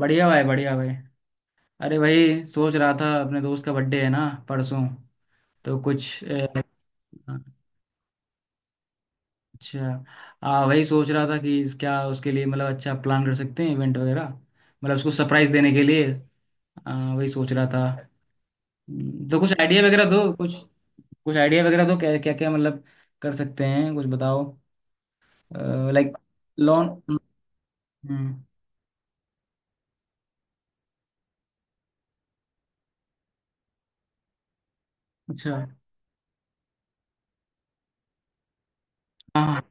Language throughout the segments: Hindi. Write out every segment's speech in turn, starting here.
बढ़िया भाई बढ़िया भाई। अरे भाई, सोच रहा था, अपने दोस्त का बर्थडे है ना, परसों। तो कुछ अच्छा। आ वही सोच रहा था कि क्या उसके लिए, मतलब, अच्छा प्लान कर सकते हैं, इवेंट वगैरह। मतलब उसको सरप्राइज देने के लिए। वही सोच रहा था। तो कुछ आइडिया वगैरह दो कुछ। कुछ आइडिया वगैरह दो, क्या क्या क्या मतलब, कर सकते हैं कुछ, बताओ। लाइक। लॉन। हम्म, अच्छा। हाँ।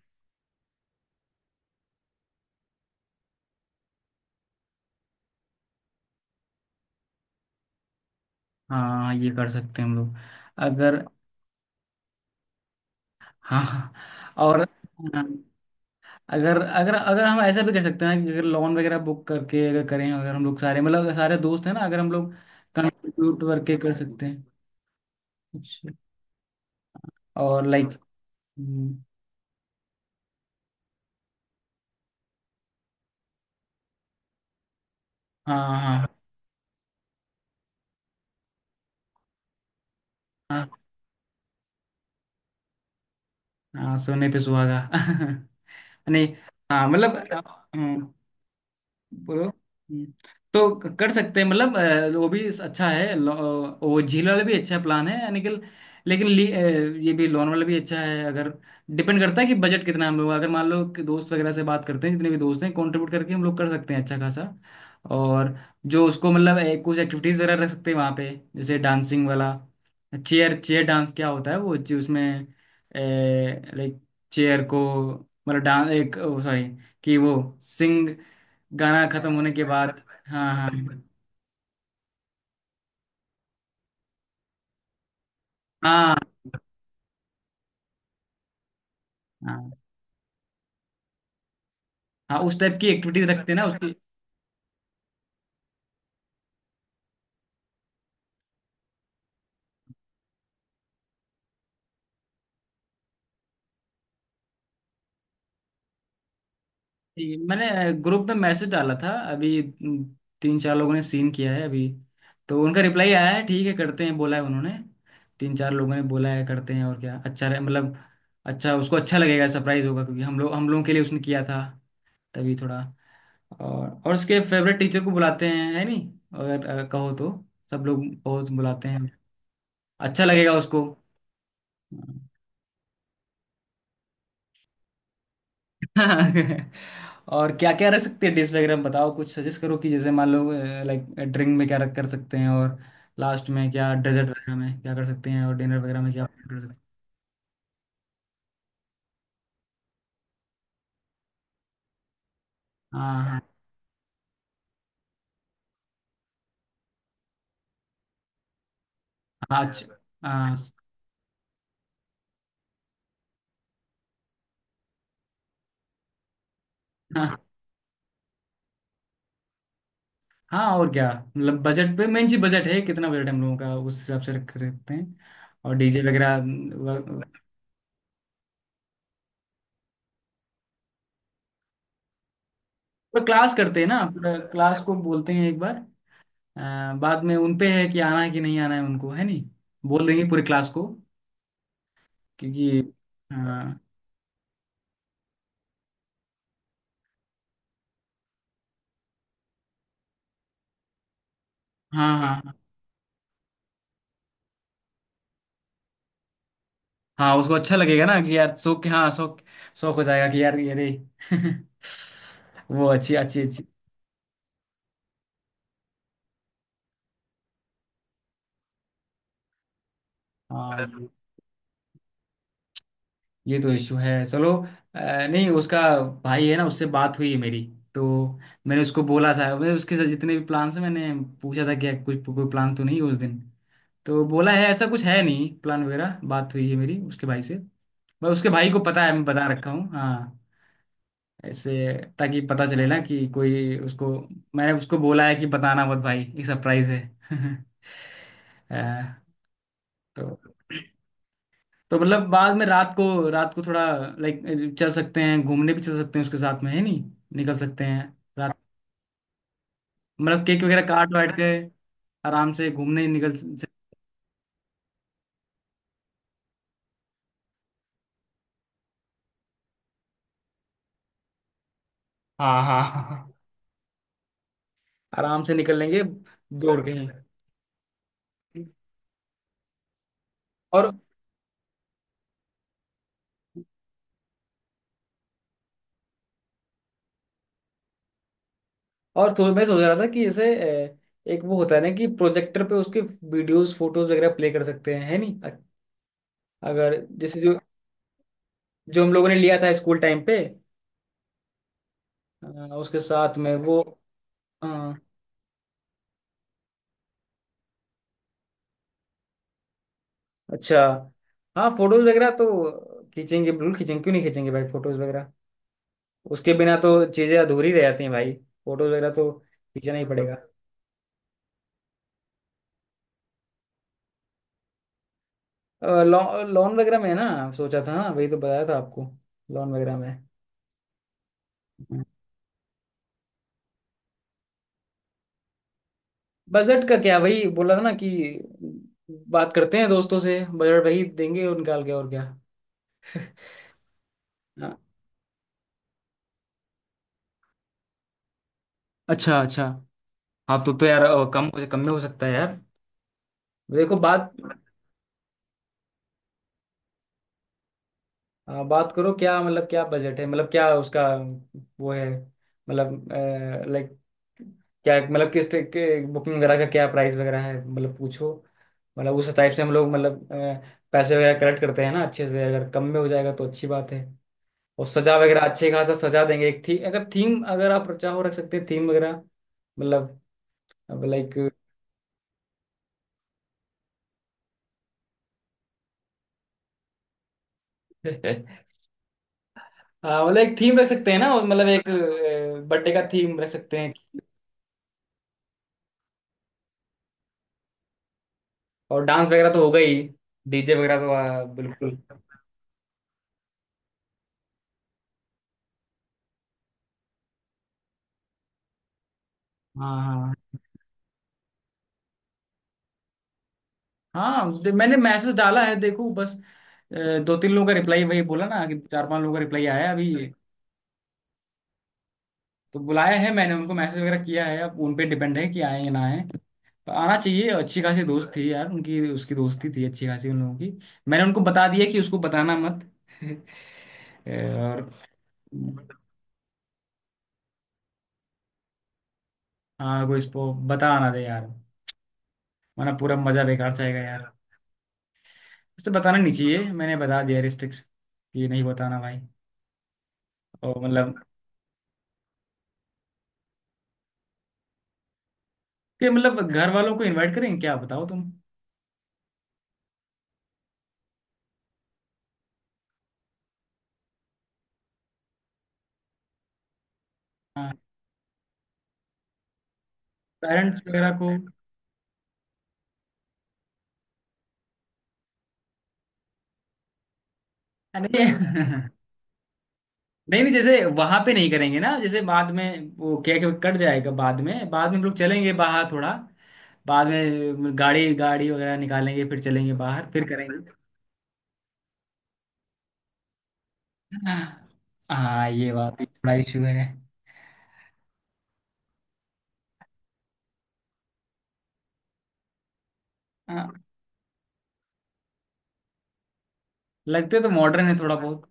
हाँ, ये कर सकते हैं हम लोग, अगर। हाँ। और। हाँ। अगर अगर अगर हम ऐसा भी कर सकते हैं ना, कि अगर लोन वगैरह बुक करके, अगर करें, अगर हम लोग सारे, मतलब सारे दोस्त हैं ना, अगर हम लोग कंट्रीब्यूट करके कर सकते हैं। अच्छा। और लाइक। हाँ हाँ हाँ हाँ, सोने पे सुहागा नहीं। हाँ मतलब। बोलो। हम्म। तो कर सकते हैं, मतलब वो भी अच्छा है वो झील वाला भी अच्छा प्लान है, यानी कि, लेकिन ये भी, लोन वाला भी अच्छा है अगर। डिपेंड करता है कि बजट कितना, हम लोग अगर मान लो कि दोस्त वगैरह से बात करते हैं, जितने भी दोस्त हैं कंट्रीब्यूट करके हम लोग कर सकते हैं अच्छा खासा। और जो उसको, मतलब कुछ एक्टिविटीज वगैरह रख सकते हैं वहाँ पे। जैसे डांसिंग वाला, चेयर चेयर डांस क्या होता है, वो जो उसमें, लाइक चेयर को, मतलब डांस, एक, सॉरी, कि वो सिंग, गाना खत्म होने के बाद। हाँ हाँ। हाँ। हाँ, हाँ उस टाइप की एक्टिविटीज रखते हैं ना उसकी। ठीक है। मैंने ग्रुप में मैसेज डाला था अभी, तीन चार लोगों ने सीन किया है अभी। तो उनका रिप्लाई आया है, ठीक है करते हैं बोला है उन्होंने। तीन चार लोगों ने बोला है, करते हैं, और क्या अच्छा रहे, मतलब अच्छा, उसको अच्छा लगेगा, सरप्राइज होगा, क्योंकि हम लोग, हम लोगों के लिए उसने किया था, तभी थोड़ा। और उसके फेवरेट टीचर को बुलाते हैं, है नहीं, अगर कहो तो। सब लोग बहुत बुलाते हैं, अच्छा लगेगा उसको। हाँ। और क्या क्या रख सकते हैं डिश वगैरह में, बताओ, कुछ सजेस्ट करो कि जैसे मान लो, लाइक ड्रिंक में क्या रख कर सकते हैं, और लास्ट में क्या डेजर्ट वगैरह में क्या कर सकते हैं, और डिनर वगैरह में क्या कर सकते हैं। हाँ हाँ। हाँ। अच्छा। हाँ हाँ। हाँ, और क्या। मतलब, बजट पे मेन चीज, बजट है कितना, बजट हम लोगों का, उस हिसाब से रख रखते हैं। और डीजे वगैरह पूरा क्लास करते हैं ना, पूरा क्लास को बोलते हैं एक बार। बाद में उन पे है कि आना है कि नहीं आना है, उनको है नहीं। बोल देंगे पूरी क्लास को, क्योंकि। हाँ। हाँ हाँ हाँ, हाँ, उसको अच्छा लगेगा ना, कि यार शौक, हाँ शौक, शौक हो जाएगा कि यार ये रे। वो अच्छी अच्छी अच्छी। हाँ, ये तो इशू है, चलो। नहीं, उसका भाई है ना, उससे बात हुई है मेरी। तो मैंने उसको बोला था, मैं उसके साथ जितने भी प्लान्स हैं, मैंने पूछा था कि कुछ कोई प्लान तो नहीं है उस दिन। तो बोला है, ऐसा कुछ है नहीं प्लान वगैरह, बात हुई है मेरी उसके भाई से, बस उसके भाई को पता है, मैं बता रखा हूँ, हाँ। ऐसे, ताकि पता चले ना कि कोई उसको, मैंने उसको बोला है कि बताना मत भाई, एक सरप्राइज है। अ, तो मतलब बाद में रात को, रात को थोड़ा लाइक, चल सकते हैं घूमने भी, चल सकते हैं उसके साथ में, है नहीं, निकल सकते हैं रात। मतलब, केक वगैरह काट वाट के, आराम से घूमने निकल। हाँ हाँ हाँ, आराम से निकल लेंगे, दौड़ के ही। और और तो मैं सोच रहा था कि जैसे अ, एक वो होता है ना, कि प्रोजेक्टर पे उसके वीडियोस फोटोज वगैरह प्ले कर सकते हैं, है नहीं अगर, जैसे जो जो हम लोगों ने लिया था स्कूल टाइम पे, अ, उसके साथ में वो, अ, अच्छा। हाँ, फोटोज वगैरह तो खींचेंगे, बिल्कुल खींचेंगे, क्यों नहीं खींचेंगे भाई, फोटोज वगैरह, उसके बिना तो चीजें अधूरी रह जाती हैं भाई, फोटोज वगैरह तो खींचना ही पड़ेगा। लॉन वगैरह में है ना, सोचा था, हाँ वही तो बताया था आपको, लॉन वगैरह में। बजट का क्या, वही बोला ना कि बात करते हैं दोस्तों से, बजट वही देंगे और निकाल के, और क्या। हाँ, अच्छा अच्छा। हाँ, तो यार कम कम में हो सकता है यार। देखो बात। हाँ, बात करो, क्या मतलब, क्या बजट है, मतलब क्या उसका, वो है, मतलब लाइक क्या, मतलब किस तरह के बुकिंग वगैरह का क्या प्राइस वगैरह है, मतलब पूछो। मतलब, उस टाइप से हम लोग, मतलब पैसे वगैरह कलेक्ट करते हैं ना अच्छे से, अगर कम में हो जाएगा तो अच्छी बात है। और सजा वगैरह अच्छे खासा सजा देंगे, एक थी अगर थीम, अगर आप चाहो रख सकते हैं थीम वगैरह, मतलब लाइक। हाँ, मतलब एक थीम रख सकते हैं ना, मतलब एक बर्थडे का थीम रख सकते हैं। और डांस वगैरह तो होगा ही, डीजे वगैरह तो बिल्कुल। हाँ हाँ हाँ, मैंने मैसेज डाला है, देखो बस। दो तीन लोगों का रिप्लाई, वही बोला ना कि चार पांच लोगों का रिप्लाई आया है अभी। तो बुलाया है मैंने उनको, मैसेज वगैरह किया है, अब उन पे डिपेंड है कि आए या ना आए। पर आना चाहिए, अच्छी खासी दोस्त थी यार उनकी, उसकी दोस्ती थी अच्छी खासी उन लोगों की। मैंने उनको बता दिया कि उसको बताना मत। और, हाँ, कोई इसको बता ना दे यार, वरना पूरा मजा बेकार जाएगा, उसे बताना नहीं चाहिए, मैंने बता दिया रिस्ट्रिक्ट कि नहीं बताना भाई। और मतलब, कि मतलब घर वालों को इनवाइट करेंगे क्या, बताओ तुम। हाँ, पेरेंट्स वगैरह को, हाँ। नहीं नहीं नहीं, जैसे वहां पे नहीं करेंगे ना, जैसे बाद में वो केक कट जाएगा, बाद में, बाद में हम लोग चलेंगे बाहर थोड़ा, बाद में गाड़ी गाड़ी वगैरह निकालेंगे, फिर चलेंगे बाहर फिर करेंगे। हाँ, ये बात भी थोड़ा इशू है। हाँ, लगते तो मॉडर्न है थोड़ा बहुत।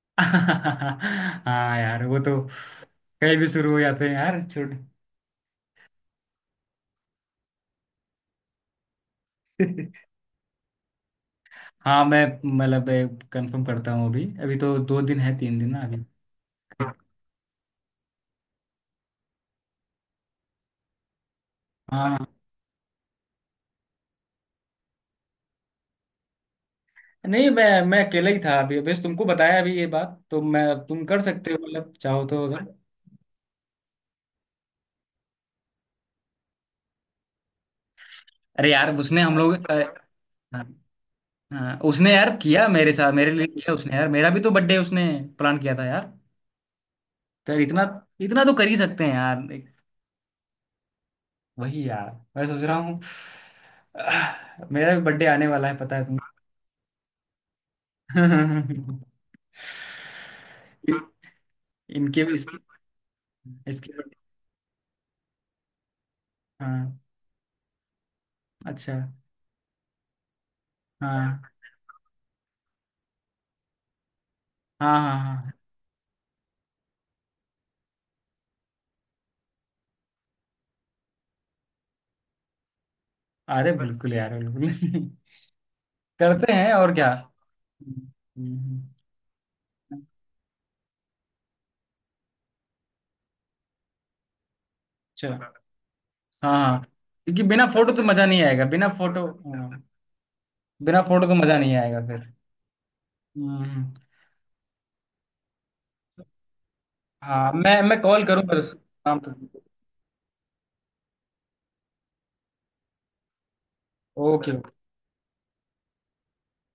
हाँ यार, वो तो कहीं भी शुरू हो जाते हैं यार, छोड़। हाँ, मैं मतलब कंफर्म करता हूँ अभी, अभी तो 2 दिन है, 3 दिन ना अभी। हाँ नहीं, मैं अकेला ही था अभी, बस तुमको बताया अभी ये बात, तो मैं, तुम कर सकते हो मतलब, चाहो तो अगर। अरे यार, उसने हम लोग हाँ हाँ, उसने यार किया मेरे साथ, मेरे लिए किया उसने यार, मेरा भी तो बर्थडे उसने प्लान किया था यार। तो यार इतना, इतना तो कर ही सकते हैं यार। वही यार, मैं सोच रहा हूँ। आह, मेरा भी बर्थडे आने वाला है पता है तुम। इनके भी, इसके इसके birthday-। हाँ। अच्छा। हाँ हाँ हाँ। हाँ। अरे बिल्कुल यार, बिल्कुल। करते हैं, और क्या। हम्म। हम्म। अच्छा। हाँ हाँ। क्योंकि बिना फोटो तो मजा नहीं आएगा, बिना फोटो। हाँ, बिना फोटो तो मजा नहीं आएगा फिर। हम्म। हाँ, मैं कॉल करूंगा शाम तक। ओके।